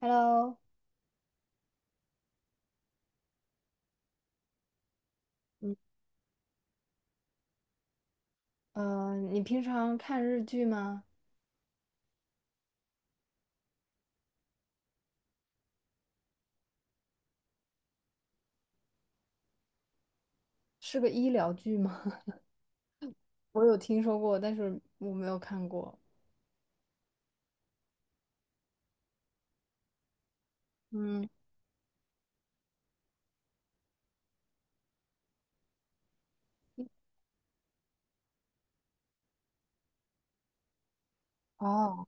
Hello，你平常看日剧吗？是个医疗剧吗？我有听说过，但是我没有看过。嗯，哦，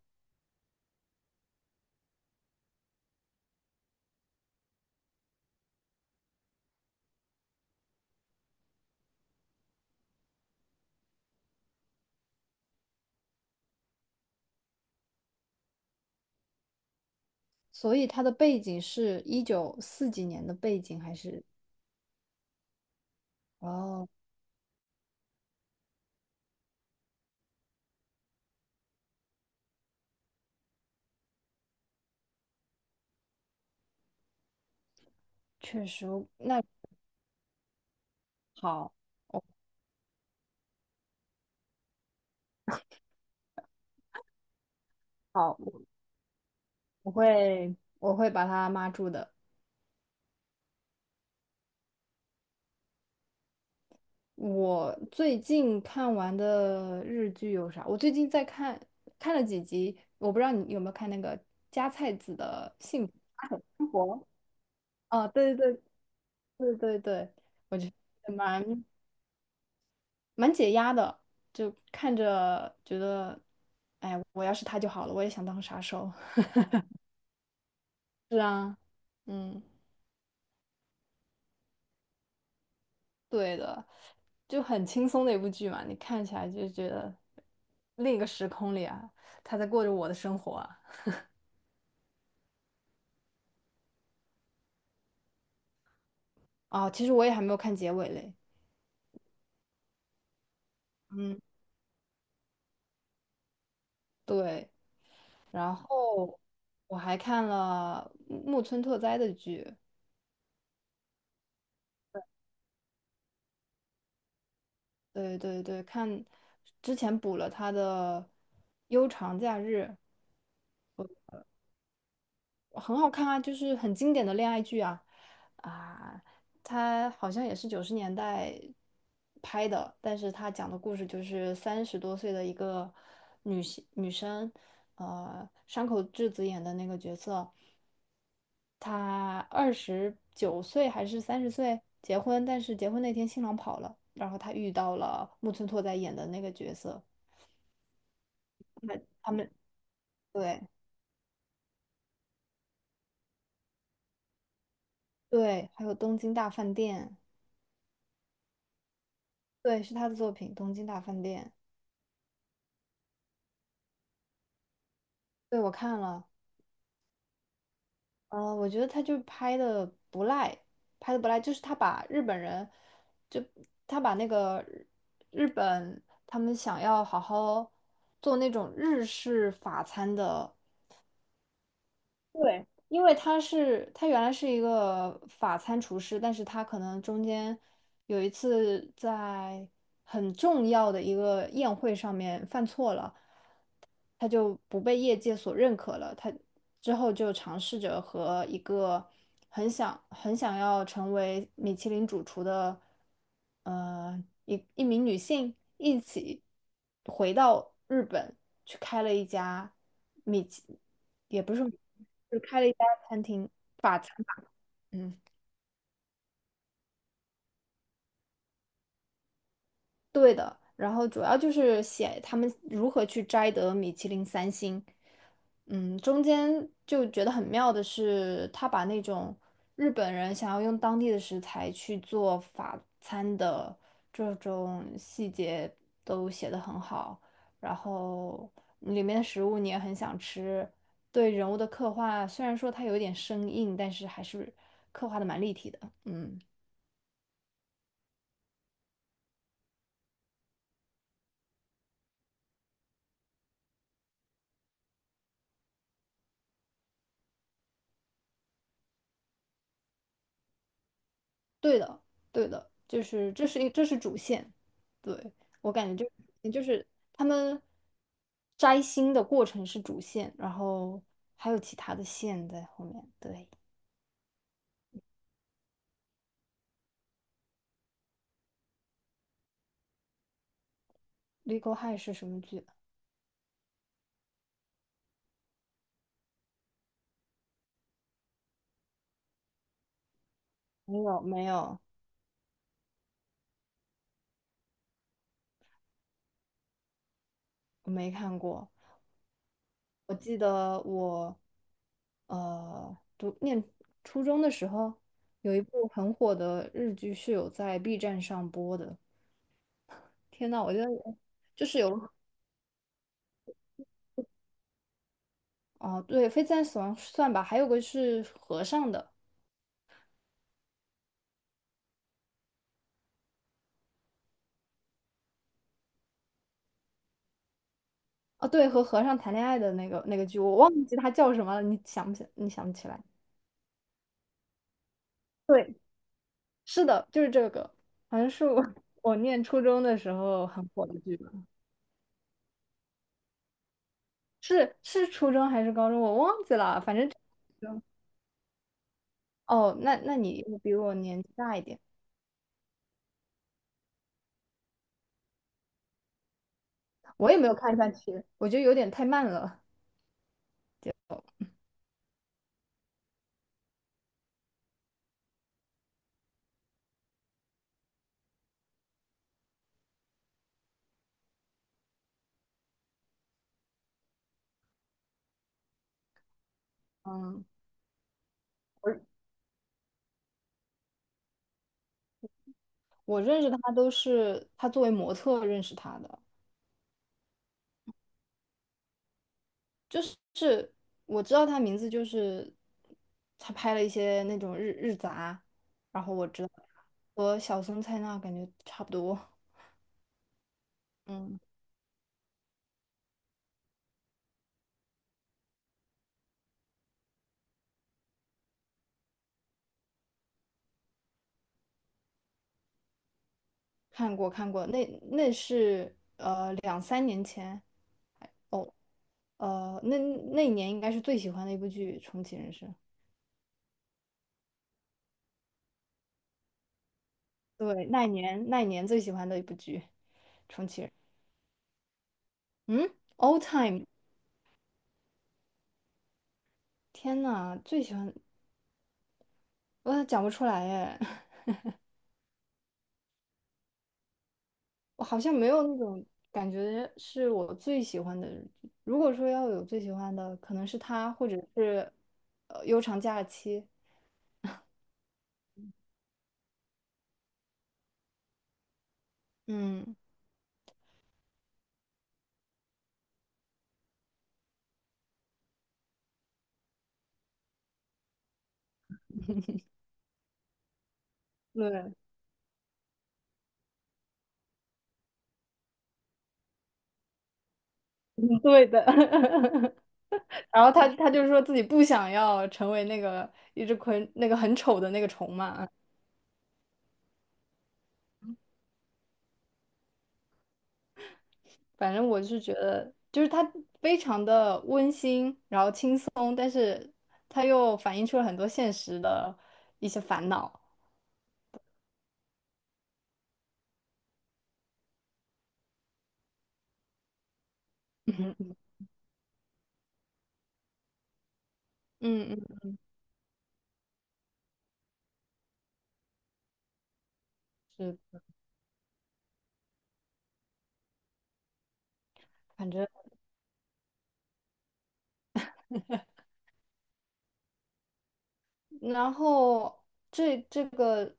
所以它的背景是一九四几年的背景，还是？哦，确实，那 好，我好，我会我会把它码住的。我最近看完的日剧有啥？我最近在看，看了几集，我不知道你有没有看那个加菜子的《幸福生活》。哦，对对对，对对对，我觉得蛮解压的，就看着觉得，哎，我要是他就好了，我也想当杀手。是啊，嗯，对的，就很轻松的一部剧嘛，你看起来就觉得另一个时空里啊，他在过着我的生活啊。哦，其实我也还没有看结尾嘞。嗯，对，然后我还看了木村拓哉的剧，对对对，看之前补了他的《悠长假日》，很好看啊，就是很经典的恋爱剧啊，他好像也是90年代拍的，但是他讲的故事就是30多岁的一个女生，山口智子演的那个角色，她29岁还是30岁结婚，但是结婚那天新郎跑了，然后她遇到了木村拓哉演的那个角色，他们对。对，还有《东京大饭店》，对，是他的作品《东京大饭店》。对，我看了，我觉得他就拍的不赖，拍的不赖，就是他把日本人，就他把那个日本他们想要好好做那种日式法餐的，对，因为他原来是一个法餐厨师，但是他可能中间有一次在很重要的一个宴会上面犯错了。他就不被业界所认可了。他之后就尝试着和一个很想很想要成为米其林主厨的，一名女性一起回到日本去开了一家米其，也不是说米其林就开了一家餐厅，法餐吧，嗯。对的，然后主要就是写他们如何去摘得米其林三星。嗯，中间就觉得很妙的是，他把那种日本人想要用当地的食材去做法餐的这种细节都写得很好，然后里面的食物你也很想吃，对人物的刻画虽然说它有点生硬，但是还是刻画的蛮立体的。嗯。对的，对的，就是这是主线，对，我感觉就是他们摘星的过程是主线，然后还有其他的线在后面。对，《Legal High》是什么剧？没有，没有，我没看过。我记得我念初中的时候，有一部很火的日剧是有在 B 站上播的。天呐，我觉得就是有哦，对，《非自然死亡》算吧，还有个是和尚的。哦，对，和和尚谈恋爱的那个剧，我忘记他叫什么了，你想不起来？对，是的，就是这个，好像是我 我念初中的时候很火的剧吧？是初中还是高中？我忘记了，反正这哦，那你比我年纪大一点，我也没有看下去，我觉得有点太慢了。嗯，我我认识他都是他作为模特认识他的。我知道他名字就是他拍了一些那种日杂，然后我知道他和小松菜奈感觉差不多。嗯，看过看过，那是两三年前，哦，呃那那一年应该是最喜欢的一部剧《重启人生》。对，那一年最喜欢的一部剧《重启人》。嗯，All Time，天呐，最喜欢我讲不出来耶。我好像没有那种感觉是我最喜欢的。如果说要有最喜欢的，可能是他，或者是悠长假期。嗯，对，嗯对的。然后他就说自己不想要成为那个一只那个很丑的那个虫嘛。反正我是觉得，就是他非常的温馨，然后轻松，但是他又反映出了很多现实的一些烦恼。嗯嗯嗯，是。然后这个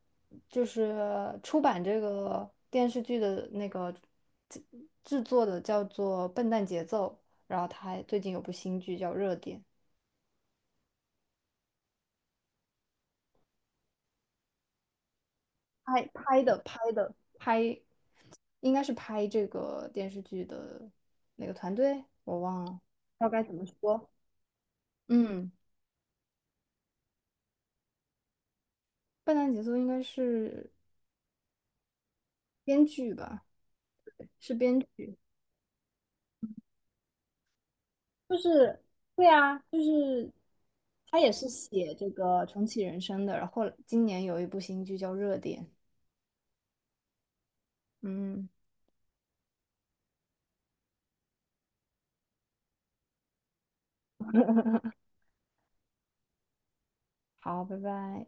就是出版这个电视剧的那个制制作的叫做《笨蛋节奏》，然后他还最近有部新剧叫《热点》，拍拍的拍的拍，应该是拍这个电视剧的那个团队我忘了，不知道该怎么说。嗯，《笨蛋节奏》应该是编剧吧，是编剧。就是对啊，就是他也是写这个重启人生的，然后今年有一部新剧叫《热点》。嗯，好，拜拜。